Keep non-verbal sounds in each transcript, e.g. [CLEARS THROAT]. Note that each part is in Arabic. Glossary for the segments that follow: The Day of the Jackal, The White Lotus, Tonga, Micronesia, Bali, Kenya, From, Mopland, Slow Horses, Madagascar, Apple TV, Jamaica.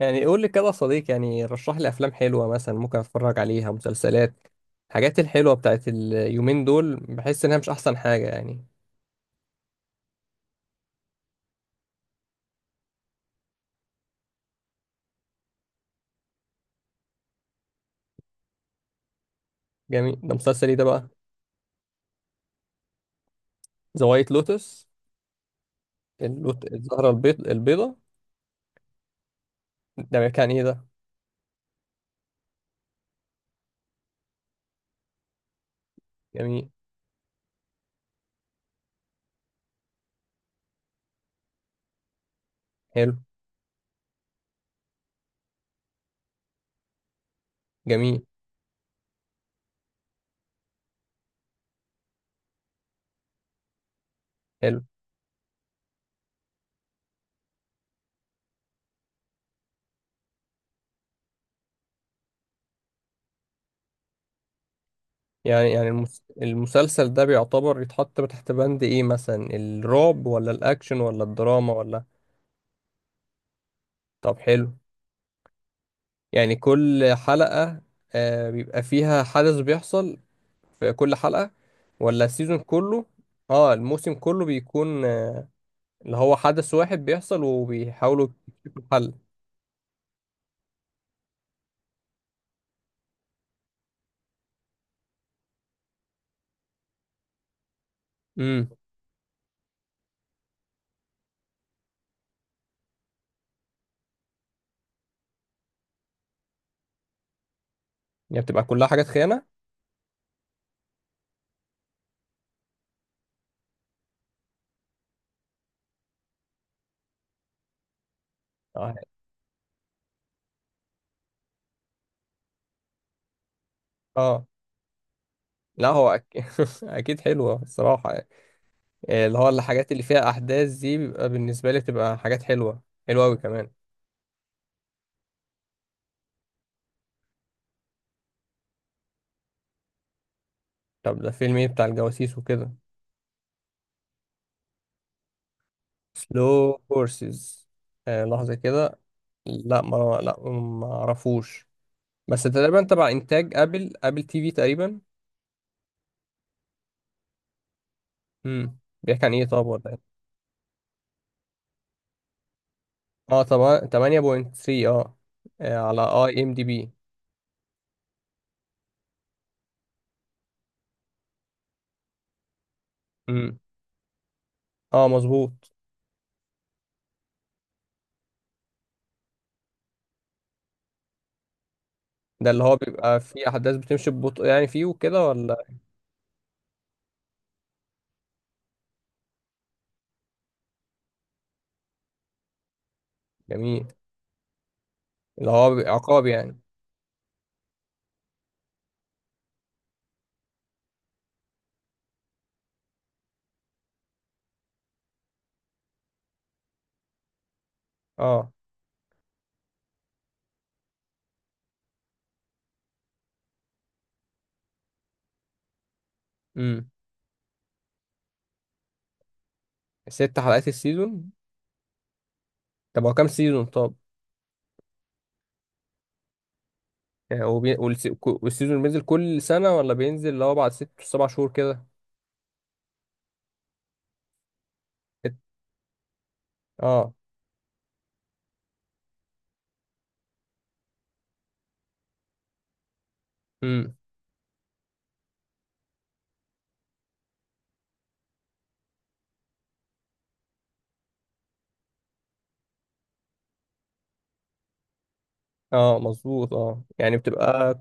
قول لي كده يا صديق، رشح لي افلام حلوه مثلا ممكن اتفرج عليها. مسلسلات الحاجات الحلوه بتاعت اليومين دول بحس انها مش احسن حاجه يعني. جميل، ده مسلسل ايه ده بقى؟ ذا وايت لوتس. الزهره البيض البيضه. ده كان ايه ده؟ جميل. حلو. جميل. حلو. يعني المسلسل ده بيعتبر يتحط تحت بند ايه، مثلا الرعب ولا الاكشن ولا الدراما ولا؟ طب حلو. يعني كل حلقه بيبقى فيها حدث بيحصل في كل حلقة ولا السيزون كله؟ اه، الموسم كله بيكون اللي هو حدث واحد بيحصل وبيحاولوا يكتشفوا الحل. امم يعني بتبقى كلها حاجات خيانة؟ اه. آه. لا، هو [LAUGHS] اكيد حلوة الصراحة يعني. اللي هو الحاجات اللي فيها احداث دي بيبقى بالنسبة لي بتبقى حاجات حلوة، حلوة قوي كمان. طب ده فيلم ايه بتاع الجواسيس وكده؟ سلو هورسز. آه لحظة كده. لا، ما اعرفوش. بس تقريبا تبع انتاج ابل تي في تقريبا. بيحكي عن ايه طب ولا ايه؟ اه طبعا 8.3 اه. على اي ام دي بي. امم اه مظبوط. ده اللي هو بيبقى فيه احداث بتمشي ببطء يعني فيه وكده ولا؟ جميل. اللي هو بيبقى عقاب يعني. اه. امم ست حلقات السيزون؟ طب هو كام سيزون طب؟ يعني هو والسيزون بينزل كل سنة ولا بينزل اللي هو بعد ست سبع شهور كده؟ ست- اه. امم اه مظبوط. اه يعني بتبقى،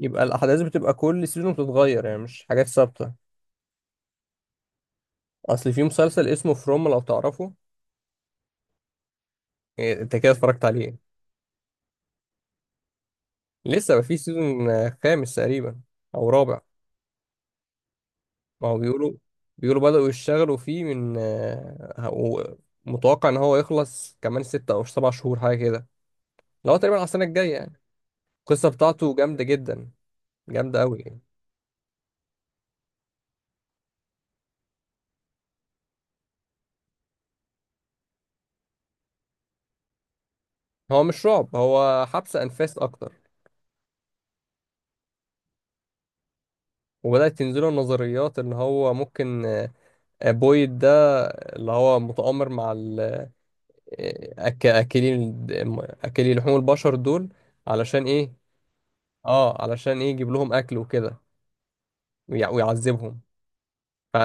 يبقى الاحداث بتبقى كل سيزون بتتغير يعني مش حاجات ثابتة. اصل في مسلسل اسمه فروم، لو تعرفه؟ إيه، انت كده اتفرجت عليه؟ لسه ما في سيزون خامس تقريبا او رابع. ما هو بيقولوا بدأوا يشتغلوا فيه من متوقع ان هو يخلص كمان ستة او سبع شهور حاجة كده، اللي هو تقريبا على السنة الجاية يعني. القصة بتاعته جامدة جدا، جامدة قوي يعني. هو مش رعب، هو حبس انفاس اكتر. وبدأت تنزله النظريات ان هو ممكن بويد ده اللي هو متآمر مع اكلين، اكلي لحوم البشر دول. علشان ايه؟ اه علشان ايه يجيب لهم اكل وكده، ويعذبهم. ف...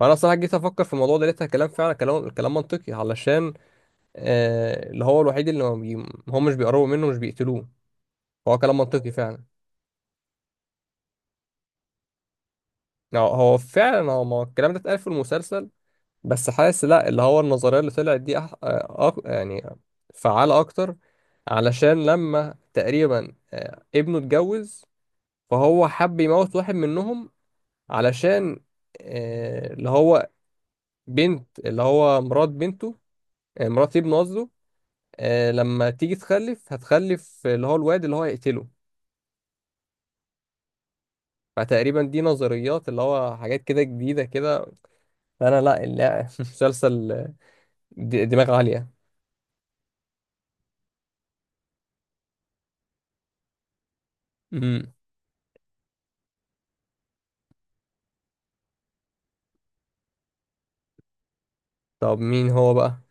فانا صراحه جيت افكر في الموضوع ده لقيتها كلام فعلا، كلام منطقي. علشان اللي هو الوحيد اللي ما بي... هم مش بيقربوا منه، مش بيقتلوه. هو كلام منطقي فعلا. يعني هو فعلا، هو ما الكلام ده اتقال في المسلسل بس حاسس لا، اللي هو النظريه اللي طلعت دي يعني فعاله اكتر. علشان لما تقريبا ابنه اتجوز، فهو حب يموت واحد منهم. علشان اللي هو بنت، اللي هو مرات بنته، مرات ابنه قصده. لما تيجي تخلف، هتخلف اللي هو الواد اللي هو هيقتله. فتقريبا دي نظريات اللي هو حاجات كده جديدة كده. فأنا لا لا [LAUGHS] مسلسل دماغ عالية. مم. طب مين هو بقى؟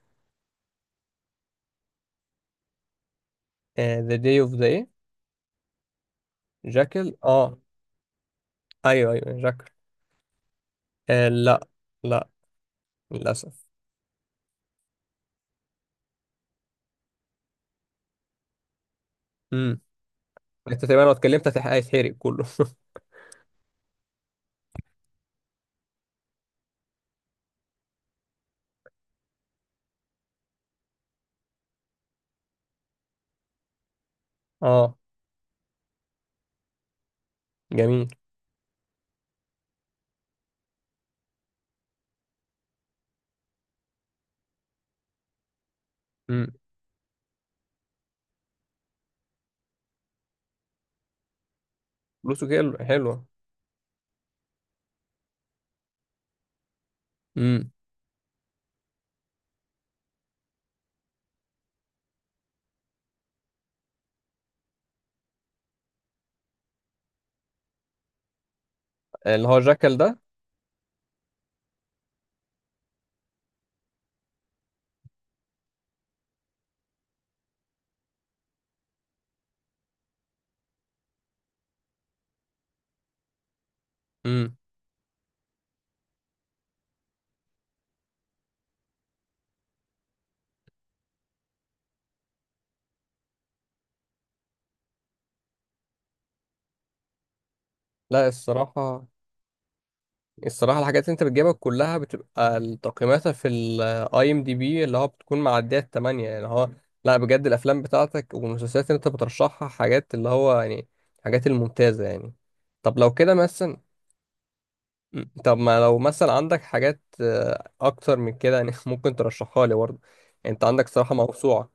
The Day of the إيه؟ جاكل. اه ايوه ايوه جاكل. آه لا. لا للأسف. مم. انت تقريبا لو اتكلمت هيتحرق كله. [LAUGHS] اه جميل. امم فلوسه حلوة. امم اللي هو جاكل ده. امم لا. الصراحة الحاجات اللي انت بتجيبها كلها بتبقى تقييماتها في الاي ام دي بي اللي هو بتكون معدية التمانية يعني. هو لا بجد الافلام بتاعتك والمسلسلات اللي انت بترشحها حاجات اللي هو يعني حاجات الممتازة يعني. طب لو كده مثلا، طب ما لو مثلا عندك حاجات اكتر من كده يعني [LAUGHS] ممكن ترشحها لي برضه. يعني انت عندك صراحة موسوعة.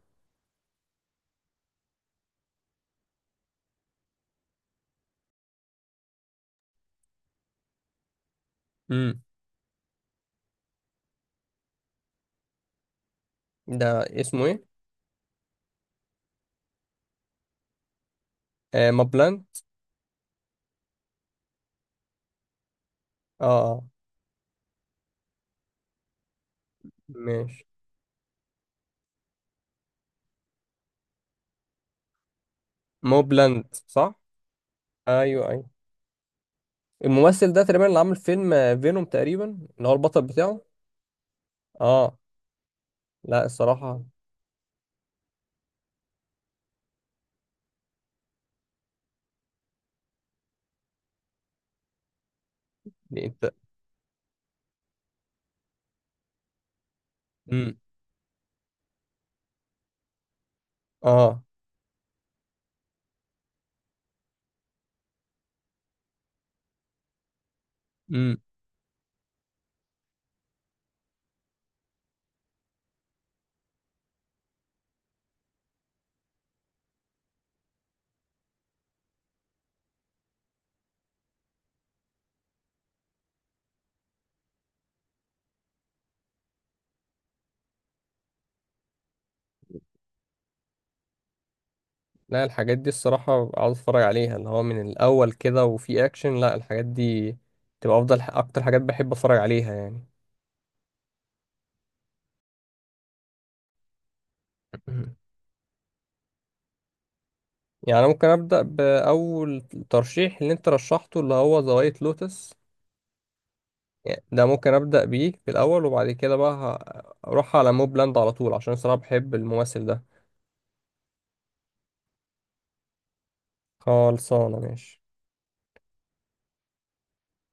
امم ده اسمه ايه؟ آه مابلاند. اه. آه. ماشي. موبلاند صح؟ ايوه ايوه. الممثل ده تقريبا اللي عامل فيلم فينوم تقريبا، اللي هو البطل بتاعه. اه. لا الصراحه. دي انت. امم اه. امم لا الحاجات دي الصراحه عاوز اتفرج عليها، اللي هو من الاول كده وفي اكشن. لا الحاجات دي تبقى افضل اكتر حاجات بحب اتفرج عليها يعني. [CLEARS THROAT] يعني أنا ممكن ابدا باول ترشيح اللي انت رشحته اللي هو ذا وايت لوتس. يعني ده ممكن ابدا بيه في الاول وبعد كده بقى اروح على موبلاند على طول، عشان صراحه بحب الممثل ده. خلصانة ماشي.